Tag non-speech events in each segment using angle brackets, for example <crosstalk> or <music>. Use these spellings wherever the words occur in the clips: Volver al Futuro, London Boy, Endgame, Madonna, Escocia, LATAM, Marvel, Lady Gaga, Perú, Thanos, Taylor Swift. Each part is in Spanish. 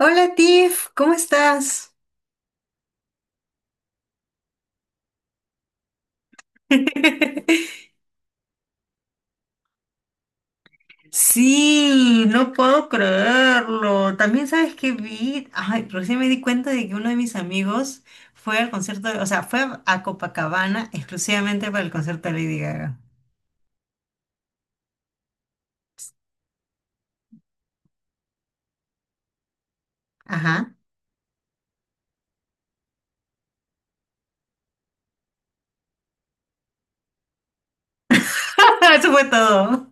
Hola Tiff, ¿cómo estás? <laughs> Sí, no puedo creerlo. También sabes que vi, ay, recién me di cuenta de que uno de mis amigos fue al concierto, o sea, fue a Copacabana exclusivamente para el concierto de Lady Gaga. Ajá. <laughs> Eso fue todo.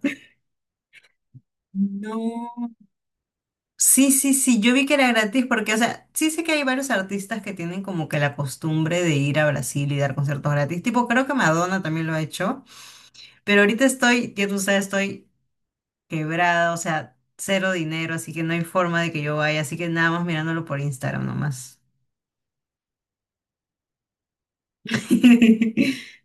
No. Sí, sí, sí, yo vi que era gratis porque, o sea, sí sé que hay varios artistas que tienen como que la costumbre de ir a Brasil y dar conciertos gratis. Tipo, creo que Madonna también lo ha hecho, pero ahorita estoy, ya tú sabes, estoy quebrada, o sea, cero dinero, así que no hay forma de que yo vaya, así que nada más mirándolo por Instagram nomás. <laughs>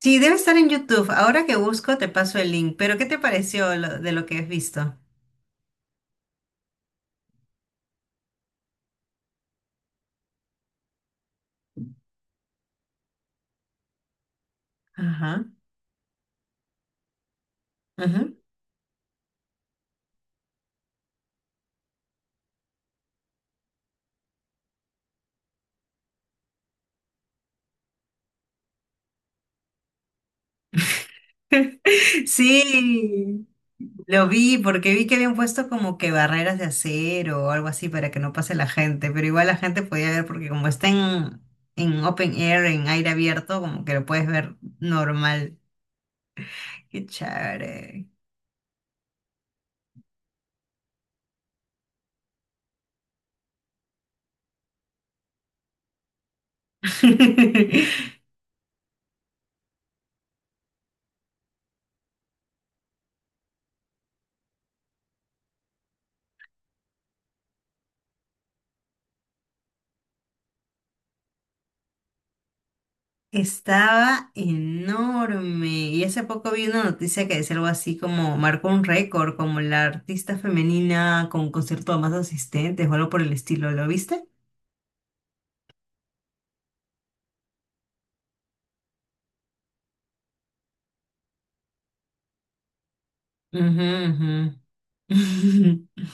Sí, debe estar en YouTube. Ahora que busco, te paso el link. Pero, ¿qué te pareció de lo que has visto? Ajá. Ajá. <laughs> Sí, lo vi porque vi que habían puesto como que barreras de acero o algo así para que no pase la gente, pero igual la gente podía ver porque como está en open air, en aire abierto, como que lo puedes ver normal. Qué chévere. <laughs> Estaba enorme. Y hace poco vi una noticia que decía algo así como marcó un récord, como la artista femenina con un concierto de más asistentes o algo por el estilo. ¿Lo viste? Ujú, ujú. <laughs>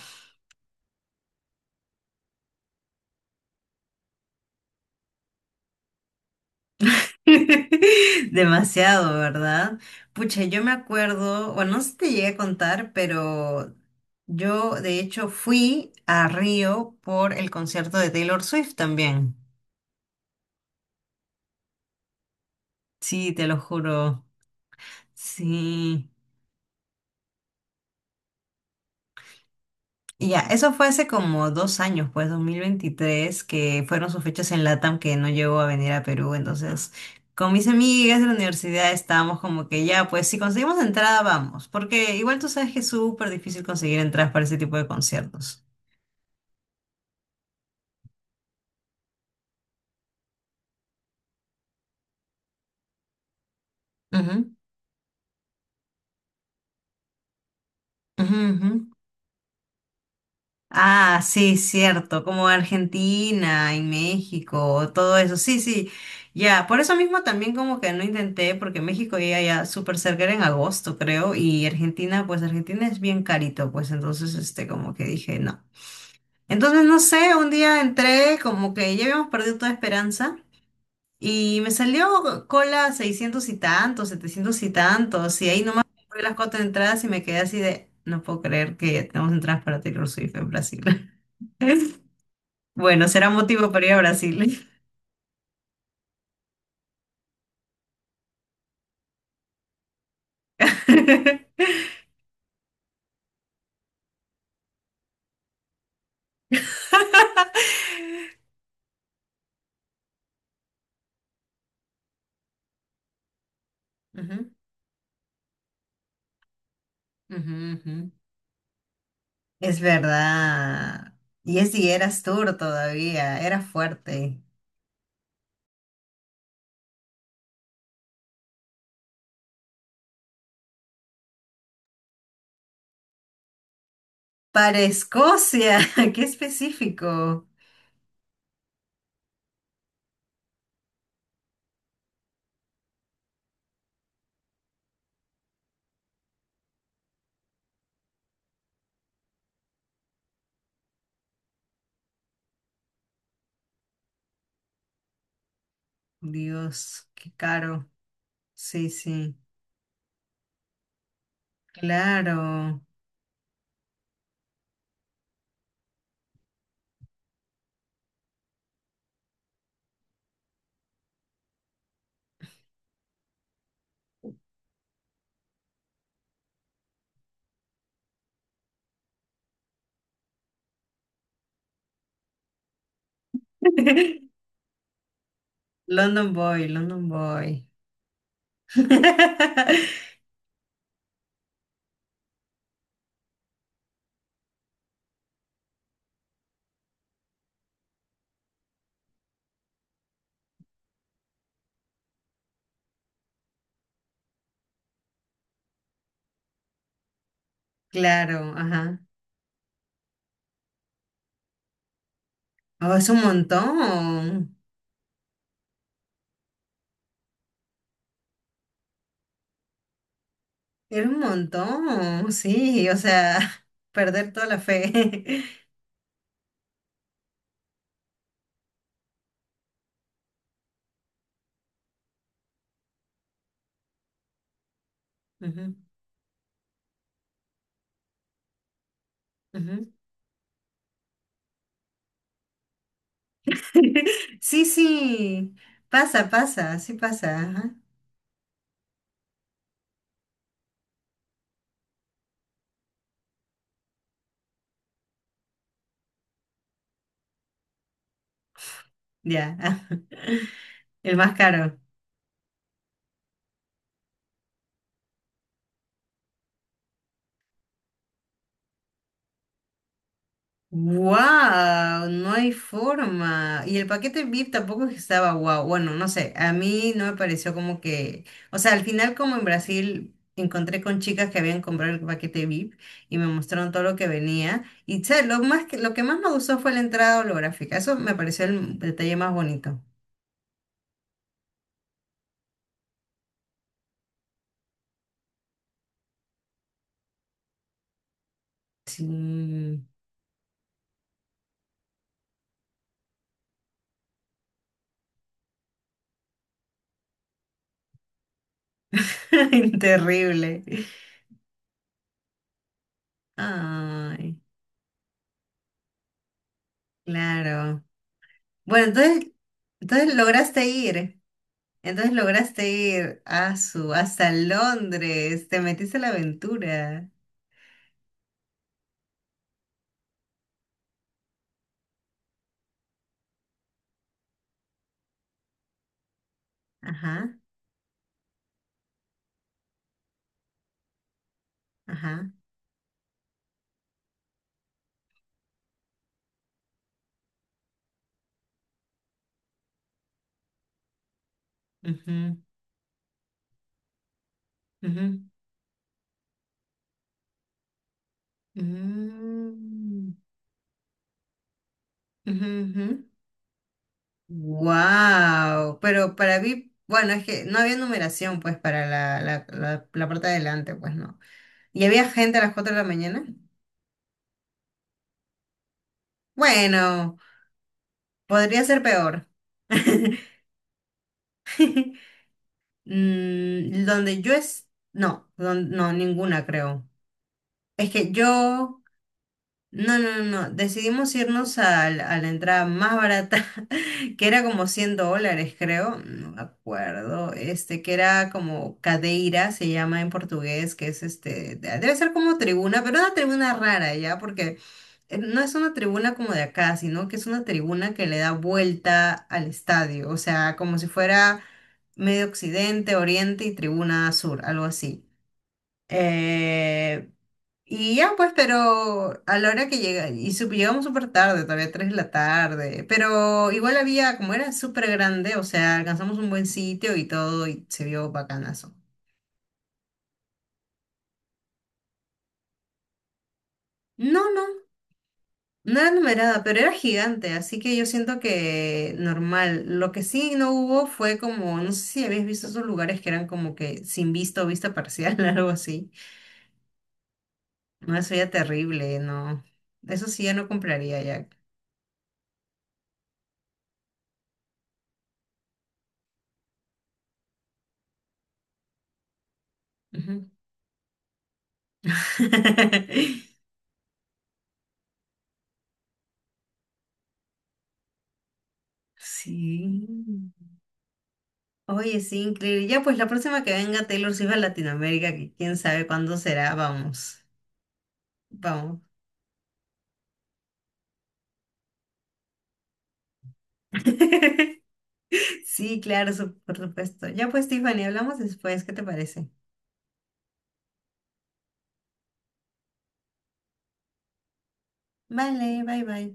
Demasiado, ¿verdad? Pucha, yo me acuerdo, bueno, no sé si te llegué a contar, pero yo de hecho fui a Río por el concierto de Taylor Swift también. Sí, te lo juro. Sí. Y ya, eso fue hace como 2 años, pues 2023 que fueron sus fechas en LATAM que no llegó a venir a Perú. Entonces, con mis amigas de la universidad estábamos como que ya, pues si conseguimos entrada, vamos. Porque igual tú sabes que es súper difícil conseguir entradas para ese tipo de conciertos. Ujú, ujú, ujú. Ah, sí, cierto, como Argentina y México, todo eso, sí, sí, ya, por eso mismo también como que no intenté, porque México ya, ya súper cerca era en agosto, creo, y Argentina, pues Argentina es bien carito, pues entonces, este, como que dije, no. Entonces, no sé, un día entré, como que ya habíamos perdido toda esperanza, y me salió cola 600 y tantos, 700 y tantos, y ahí nomás compré las cuatro entradas y me quedé así de, no puedo creer que ya tenemos entradas para Taylor Swift en Brasil. <laughs> Bueno, será motivo para ir a Brasil. <laughs> Ujú, ujú, ujú. Es verdad. Y es si eras tour todavía, era fuerte. Para Escocia, <laughs> qué específico. Dios, qué caro. Sí, sí, claro. <laughs> London Boy, London Boy. <laughs> Claro, ajá. Oh, es un montón. Era un montón, sí, o sea, <laughs> perder toda la fe. <laughs> Ujú, ujú. <laughs> Sí, sí, pasa, pasa, sí pasa, ajá, ya, <laughs> el más caro. Wow, no hay forma. Y el paquete VIP tampoco es que estaba wow. Bueno, no sé, a mí no me pareció como que, o sea, al final como en Brasil encontré con chicas que habían comprado el paquete VIP y me mostraron todo lo que venía y ¿sabes? Lo más que lo que más me gustó fue la entrada holográfica. Eso me pareció el detalle más bonito. Sí. <laughs> Terrible. Ay, claro. Bueno, entonces lograste ir. Entonces lograste ir a su, hasta Londres, te metiste a la aventura. Ajá, ajá. Ujú, ujú, mm, ujú, ujú. Wow, pero para mí, bueno, es que no había numeración pues para la parte de adelante, pues no. ¿Y había gente a las 4 de la mañana? Bueno, podría ser peor. <laughs> Mm, donde yo es... No, no, ninguna creo. Es que yo. No, no, no, no. Decidimos irnos a, la entrada más barata, <laughs> que era como 100 dólares, creo. No me acuerdo. Este, que era como cadeira, se llama en portugués, que es este, debe ser como tribuna, pero una tribuna rara, ¿ya? Porque no es una tribuna como de acá, sino que es una tribuna que le da vuelta al estadio. O sea, como si fuera medio occidente, oriente y tribuna sur, algo así. Eh, y ya pues, pero a la hora que llega, y llegamos súper tarde, todavía 3 de la tarde, pero igual había, como era súper grande, o sea, alcanzamos un buen sitio y todo, y se vio bacanazo. No, no, no era numerada, pero era gigante, así que yo siento que normal. Lo que sí no hubo fue como, no sé si habéis visto esos lugares que eran como que sin vista o vista parcial, <laughs> algo así. No, eso ya terrible, no. Eso sí ya no compraría ya. Ujú. <laughs> Sí. Oye, sí, increíble. Ya, pues la próxima que venga Taylor Swift a Latinoamérica, que quién sabe cuándo será, vamos. Vamos. <laughs> Sí, claro, por supuesto. Ya, pues, Tiffany, hablamos después, ¿qué te parece? Vale, bye bye.